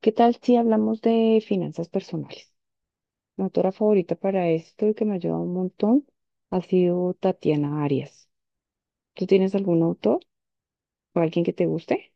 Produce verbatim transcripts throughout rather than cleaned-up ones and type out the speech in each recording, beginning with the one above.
¿Qué tal si hablamos de finanzas personales? Mi autora favorita para esto y que me ha ayudado un montón ha sido Tatiana Arias. ¿Tú tienes algún autor o alguien que te guste?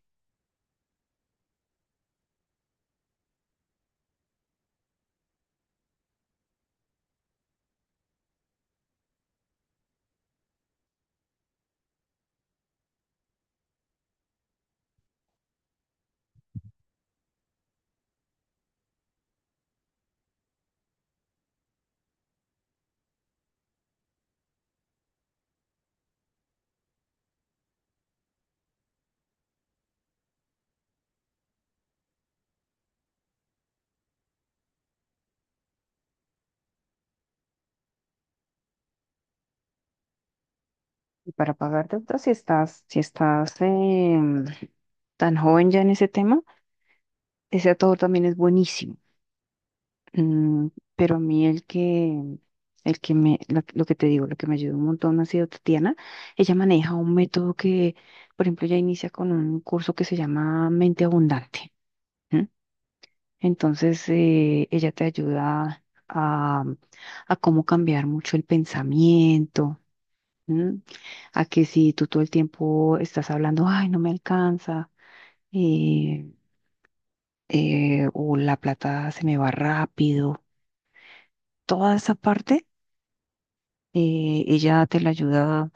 Y para pagar deudas, si estás, si estás em, tan joven ya en ese tema, ese autor también es buenísimo. Mm, pero a mí el que, el que me, la- lo, que te digo, lo que me ayudó un montón ha sido Tatiana. Ella maneja un método que, por ejemplo, ella inicia con un curso que se llama Mente Abundante. ¿M? Entonces, eh, ella te ayuda a, a cómo cambiar mucho el pensamiento, ¿m? A que si tú todo el tiempo estás hablando, ay, no me alcanza, eh, eh, o la plata se me va rápido, toda esa parte. Eh, ella te la ayuda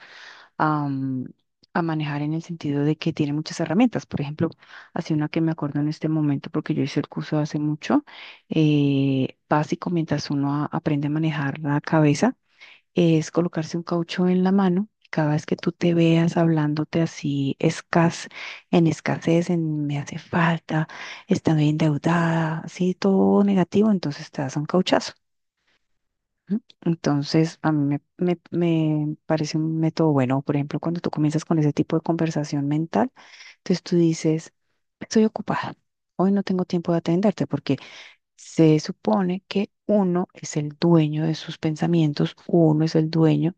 a, mm, a manejar en el sentido de que tiene muchas herramientas. Por ejemplo, así una que me acuerdo en este momento, porque yo hice el curso hace mucho, eh, básico, mientras uno a- aprende a manejar la cabeza, es colocarse un caucho en la mano. Cada vez que tú te veas hablándote así, escas, en escasez, en me hace falta, estoy endeudada, así todo negativo, entonces te das un cauchazo. Ujú. Entonces, a mí me, me me parece un método bueno. Por ejemplo, cuando tú comienzas con ese tipo de conversación mental, entonces tú dices, estoy ocupada, hoy no tengo tiempo de atenderte, porque se supone que uno es el dueño de sus pensamientos, uno es el dueño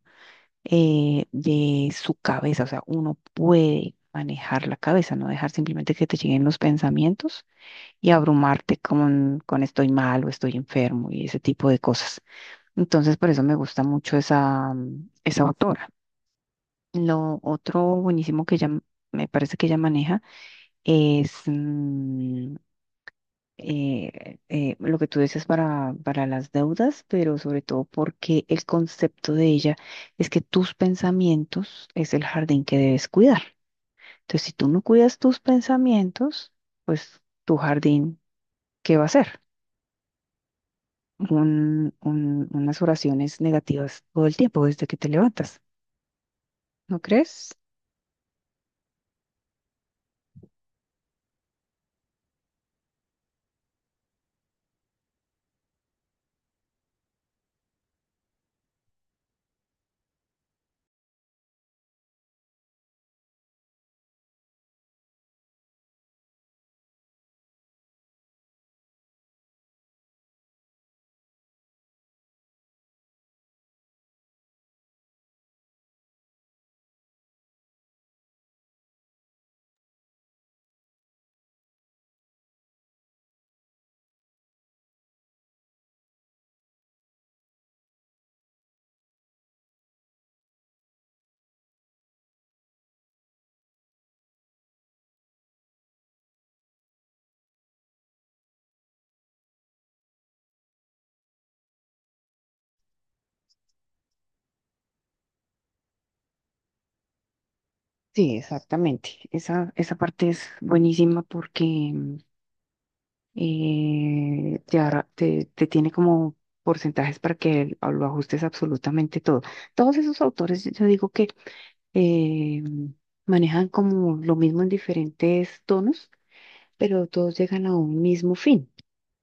eh, de su cabeza, o sea, uno puede manejar la cabeza, no dejar simplemente que te lleguen los pensamientos y abrumarte con, con estoy mal o estoy enfermo y ese tipo de cosas. Entonces, por eso me gusta mucho esa, mm, esa autora. Lo otro buenísimo que ella, m- me parece que ella maneja es mm, eh, eh, lo que tú dices para, para las deudas, pero sobre todo porque el concepto de ella es que tus pensamientos es el jardín que debes cuidar. Entonces, si tú no cuidas tus pensamientos, pues tu jardín, ¿qué va a ser? Un- un- unas oraciones negativas todo el tiempo desde que te levantas, ¿no crees? Sí, exactamente. Esa, esa parte es buenísima porque mm, eh, te, ahorra- te, te tiene como porcentajes para que el- lo ajustes absolutamente todo. Todos esos autores, yo digo que eh, manejan como lo mismo en diferentes tonos, pero todos llegan a un mismo fin.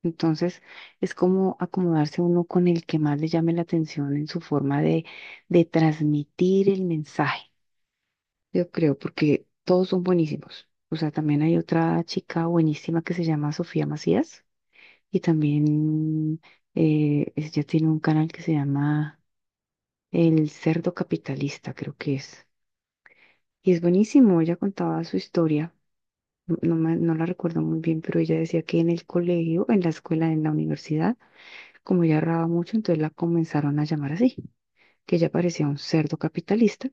Entonces, es como acomodarse uno con el que más le llame la atención en su forma de, de transmitir el mensaje. Yo creo, porque todos son buenísimos. O sea, también hay otra chica buenísima que se llama Sofía Macías y también eh, es- ella tiene un canal que se llama El Cerdo Capitalista, creo que es. Y es buenísimo, ella contaba su historia, no, no me- no la recuerdo muy bien, pero ella decía que en el colegio, en la escuela, en la universidad, como ella ahorraba mucho, entonces la comenzaron a llamar así. Que ella parecía un cerdo capitalista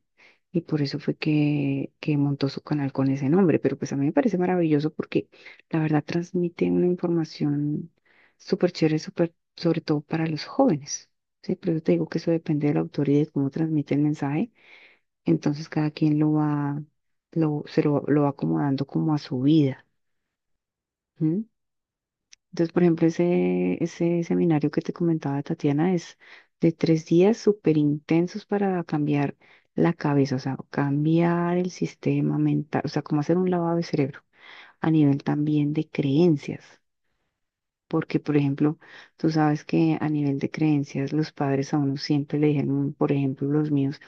y por eso fue que, que montó su canal con ese nombre. Pero pues a mí me parece maravilloso porque la verdad transmite una información súper chévere, súper, sobre todo para los jóvenes. Sí, pero yo te digo que eso depende del autor y de cómo transmite el mensaje. Entonces cada quien lo va, lo, se lo, lo va acomodando como a su vida. ¿Mm? Entonces, por ejemplo, ese, ese seminario que te comentaba Tatiana es de tres días súper intensos para cambiar la cabeza, o sea, cambiar el sistema mental, o sea, como hacer un lavado de cerebro a nivel también de creencias. Porque, por ejemplo, tú sabes que a nivel de creencias, los padres a uno siempre le dijeron, por ejemplo, los míos,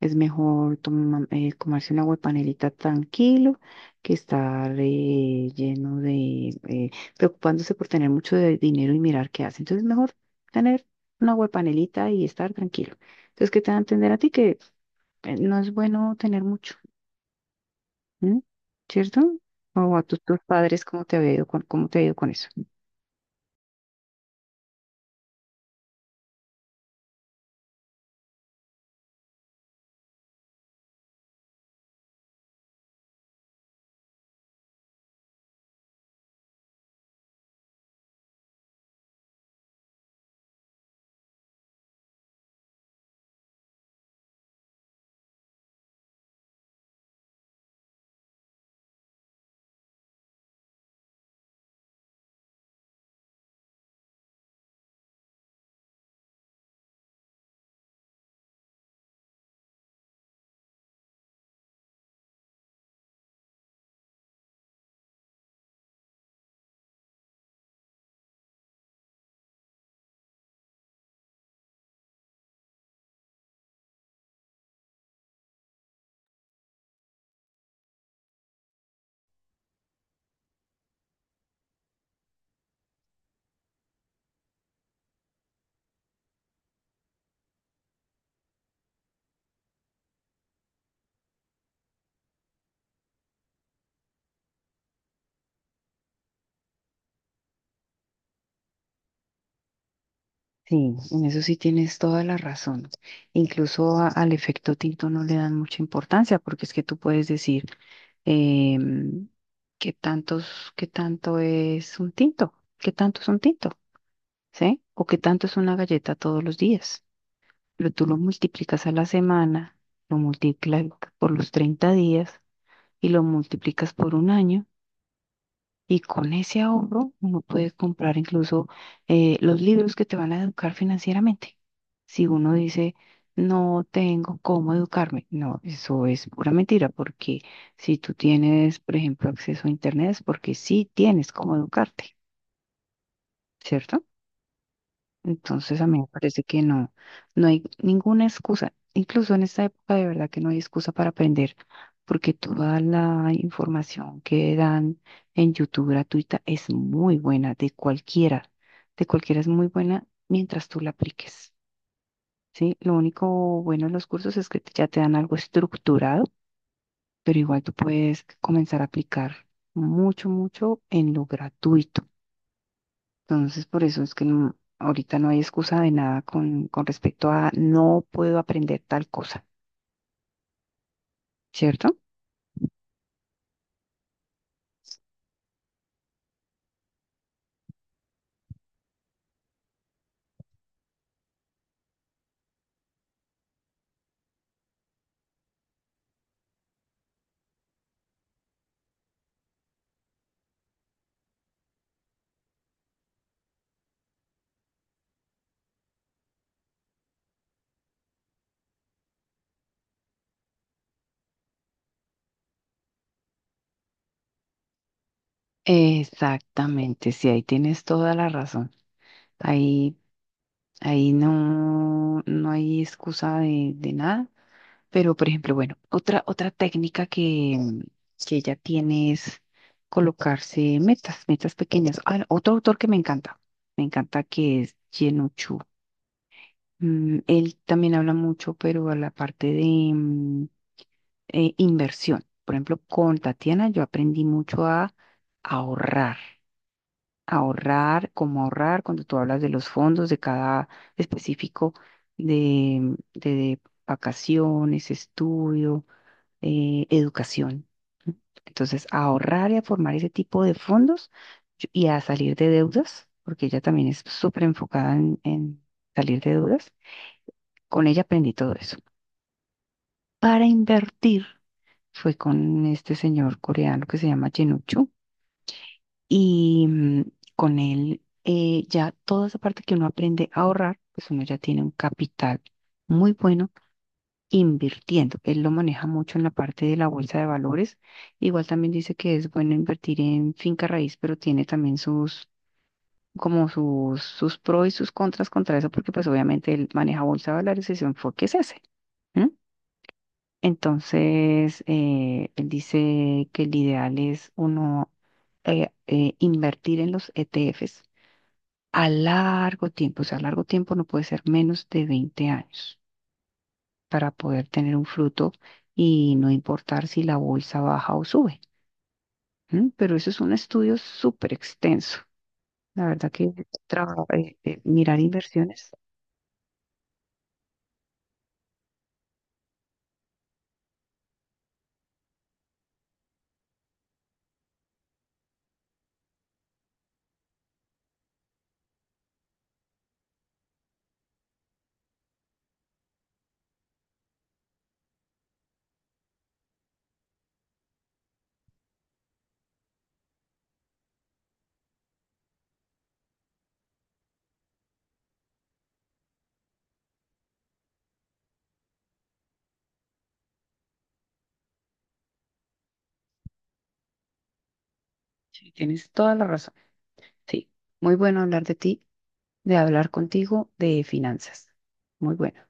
es mejor toma- eh, comerse una panelita tranquilo que estar eh, lleno de, eh, preocupándose por tener mucho de dinero y mirar qué hace. Entonces, es mejor tener una panelita y estar tranquilo. Entonces, ¿qué te va a entender a ti? Que eh, no es bueno tener mucho, ¿m? ¿Cierto? O a tus, tus padres, ¿cómo te ha ido con, cómo te ha ido con eso? Sí, en eso sí tienes toda la razón. Incluso a- al efecto tinto no le dan mucha importancia porque es que tú puedes decir eh, qué tantos, qué tanto es un tinto, qué tanto es un tinto, ¿sí? O qué tanto es una galleta todos los días. Pero tú lo multiplicas a la semana, lo multiplicas por los treinta días y lo multiplicas por un año. Y con ese ahorro uno puede comprar incluso eh, los libros que te van a educar financieramente. Si uno dice, no tengo cómo educarme, no, eso es pura mentira, porque si tú tienes, por ejemplo, acceso a Internet es porque sí tienes cómo educarte, ¿cierto? Entonces a mí me parece que no, no hay ninguna excusa. Incluso en esta época de verdad que no hay excusa para aprender, porque toda la información que dan en YouTube gratuita es muy buena, de cualquiera, de cualquiera es muy buena mientras tú la apliques, ¿sí? Lo único bueno de los cursos es que te- ya te dan algo estructurado, pero igual tú puedes comenzar a aplicar mucho, mucho en lo gratuito. Entonces, por eso es que no- ahorita no hay excusa de nada con, con respecto a no puedo aprender tal cosa, ¿cierto? Exactamente, sí, ahí tienes toda la razón. Ahí, Ahí no, no hay excusa de, de nada. Pero, por ejemplo, bueno, otra, otra técnica que, que ella tiene es colocarse metas, metas pequeñas. Ah, otro autor que me encanta, me encanta que es Chen. Mm, Él también habla mucho, pero a la parte de mm, eh, inversión. Por ejemplo, con Tatiana yo aprendí mucho a ahorrar, ahorrar, cómo ahorrar, cuando tú hablas de los fondos de cada específico de, de vacaciones, estudio, eh, educación. ¿Sí? Entonces, a ahorrar y a formar ese tipo de fondos yo- y a salir de deudas, porque ella también es súper enfocada en en salir de deudas. Con ella aprendí todo eso. Para invertir fue con este señor coreano que se llama Chenuchu y mm, con él eh, ya toda esa parte que uno aprende a ahorrar, pues uno ya tiene un capital muy bueno invirtiendo. Él lo maneja mucho en la parte de la bolsa de valores. Igual también dice que es bueno invertir en finca raíz, pero tiene también sus como sus, sus pros y sus contras contra eso, porque pues obviamente él maneja bolsa de valores y su enfoque es ese. Entonces, eh, él dice que el ideal es uno eh, eh, invertir en los E T Efes a largo tiempo. O sea, a largo tiempo no puede ser menos de veinte años para poder tener un fruto y no importar si la bolsa baja o sube. ¿M? Pero eso es un estudio súper extenso. La verdad que traba- eh, eh, mirar inversiones, sí, tienes toda la razón. Sí, muy bueno hablar de ti, de hablar contigo de finanzas. Muy bueno.